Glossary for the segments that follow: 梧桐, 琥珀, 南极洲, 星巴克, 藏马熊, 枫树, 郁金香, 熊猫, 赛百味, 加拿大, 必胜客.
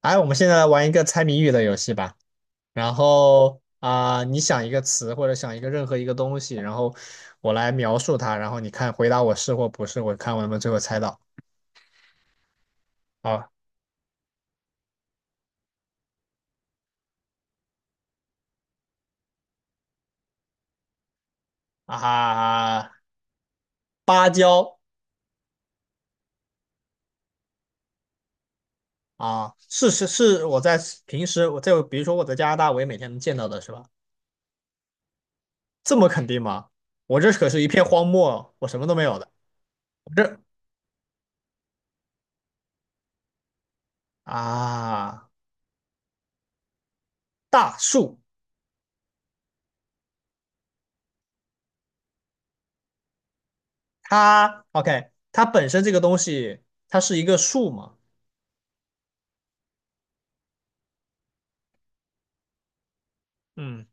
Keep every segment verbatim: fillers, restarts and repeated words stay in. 哎，我们现在来玩一个猜谜语的游戏吧。然后啊、你想一个词或者想一个任何一个东西，然后我来描述它，然后你看回答我是或不是，我看我能不能最后猜到。好啊，芭蕉啊，是是是，我在平时我在比如说我在加拿大，我也每天能见到的是吧？这么肯定吗？我这可是一片荒漠，我什么都没有的。我这啊，大树，它 OK，它本身这个东西，它是一个树嘛？嗯。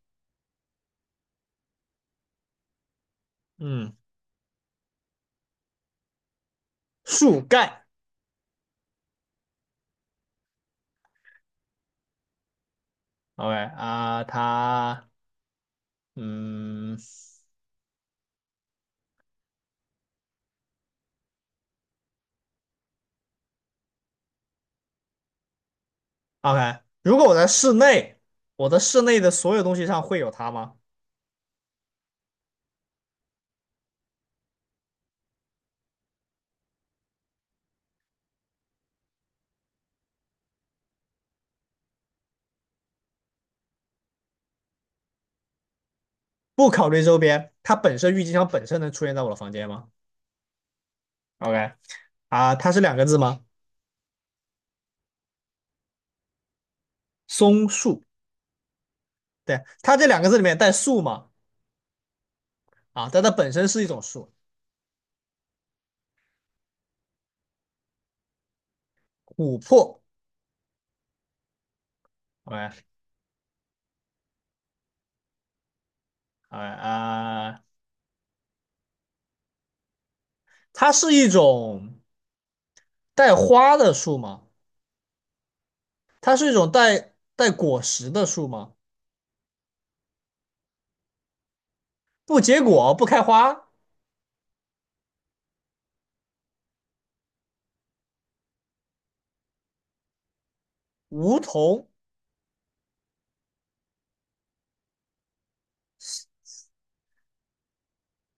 嗯，树干，OK 啊，它，嗯，OK，如果我在室内，我的室内的所有东西上会有它吗？不考虑周边，它本身郁金香本身能出现在我的房间吗？OK 啊，它是两个字吗？松树，对，它这两个字里面带树吗？啊，但它本身是一种树，琥珀，OK OK 啊，它是一种带花的树吗？它是一种带带果实的树吗？不结果，不开花，梧桐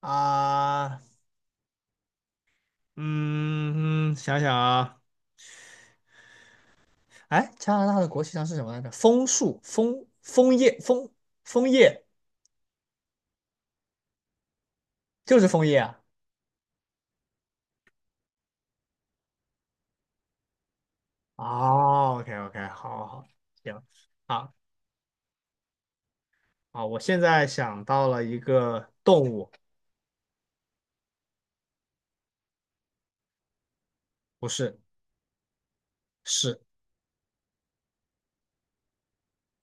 啊，嗯，嗯想想啊，哎，加拿大的国旗上是什么来着？枫树，枫枫叶，枫枫叶就是枫叶啊。哦，OK OK，好好好，行，啊啊，我现在想到了一个动物，不是，是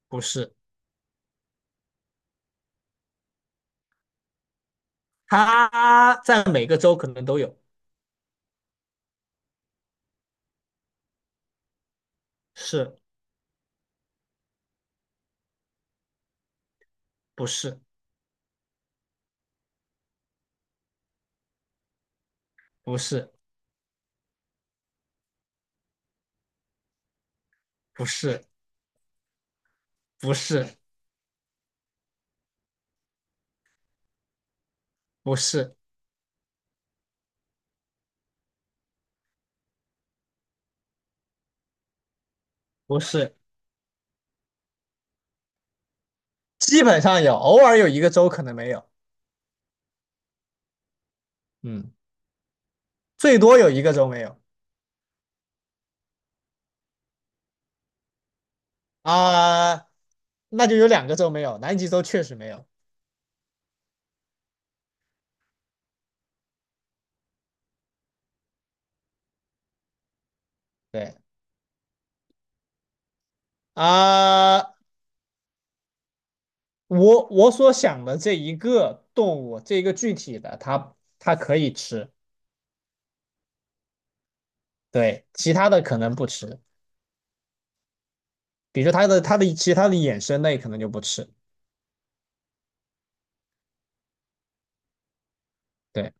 不是？它在每个州可能都有，是不是？不是，不是，不是，不是，不是，不是。基本上有，偶尔有一个州可能没有，嗯，最多有一个州没有啊，那就有两个州没有，南极洲确实没有。对啊，我我所想的这一个动物，这一个具体的，它它可以吃，对，其他的可能不吃，比如说它的它的其他的衍生类可能就不吃，对，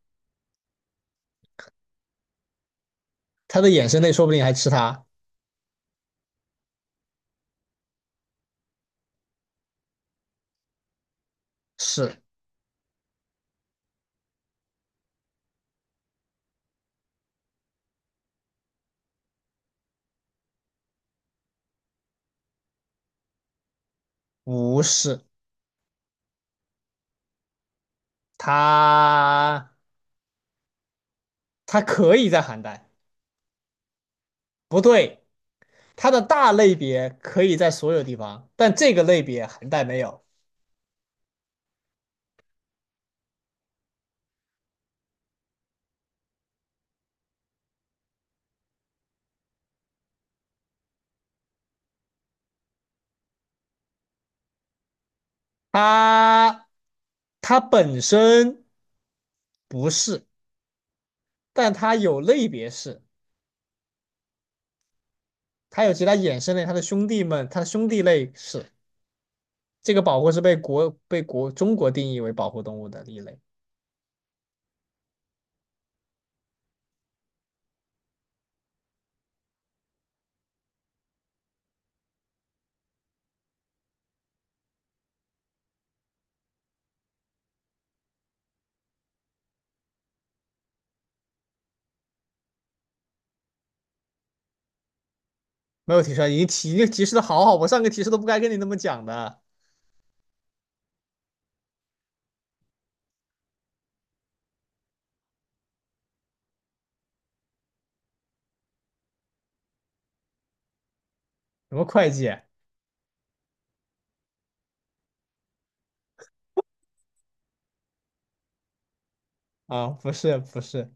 它的衍生类说不定还吃它，是不是？它它可以在寒带，不对，它的大类别可以在所有地方，但这个类别寒带没有。它它本身不是，但它有类别是，它有其他衍生类，它的兄弟们，它的兄弟类是。这个保护是被国被国中国定义为保护动物的一类。没有提示，已经提已经提示的好好，我上个提示都不该跟你那么讲的。什么会计啊？不是不是，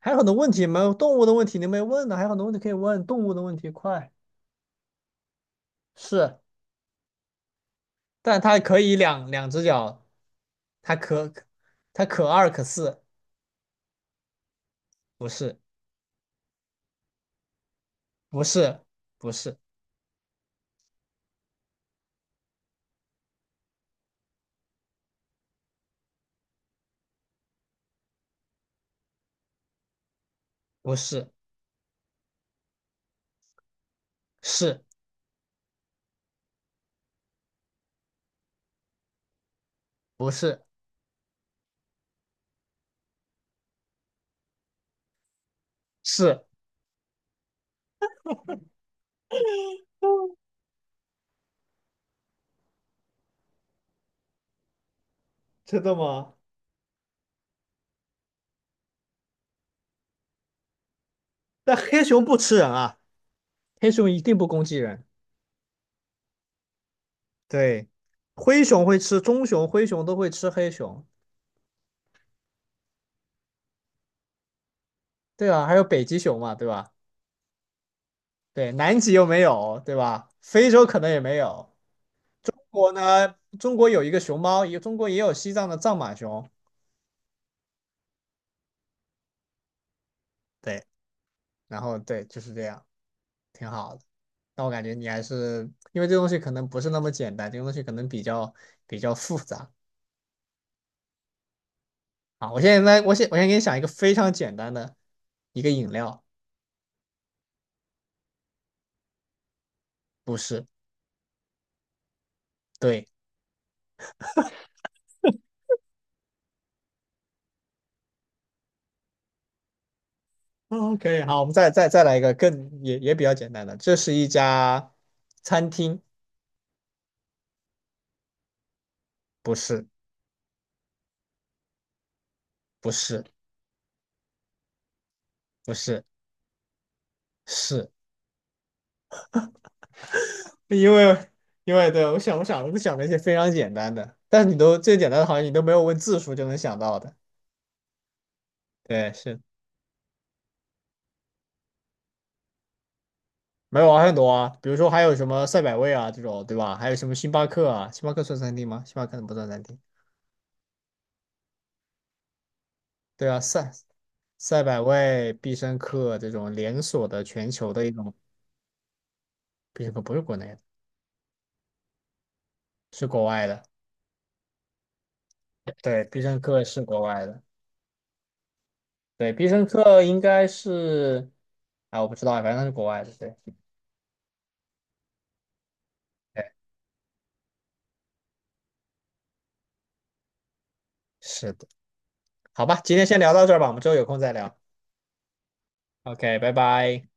还有很多问题没有动物的问题你没问呢，还有很多问题可以问动物的问题，快是。但它可以两两只脚，它可它可二可四，不是，不是，不是，不是，是，不是，是，真的吗？但黑熊不吃人啊，黑熊一定不攻击人，对，灰熊会吃，棕熊、灰熊都会吃黑熊。对啊，还有北极熊嘛，对吧？对，南极又没有，对吧？非洲可能也没有。中国呢？中国有一个熊猫，也中国也有西藏的藏马熊。对，然后对，就是这样。挺好的。那我感觉你还是因为这东西可能不是那么简单，这个东西可能比较比较复杂啊。我现在，我先我先给你想一个非常简单的一个饮料，不是，对，嗯，可以，好，我们再再再来一个更也也比较简单的，这是一家餐厅，不是，不是，不是，是因为因为对我想我想我就想了一些非常简单的，但是你都最简单的好像你都没有问字数就能想到的，对，是没有啊，还有很多啊，比如说还有什么赛百味啊这种，对吧？还有什么星巴克啊？星巴克算餐厅吗？星巴克不算餐厅。对啊，赛赛百味、必胜客这种连锁的全球的一种，必胜客不是国内的，是国外的。对，必胜客是国外的。对，必胜客应该是，啊，我不知道啊，反正它是国外的。对，对，是的。好吧，今天先聊到这儿吧，我们之后有空再聊。OK，拜拜。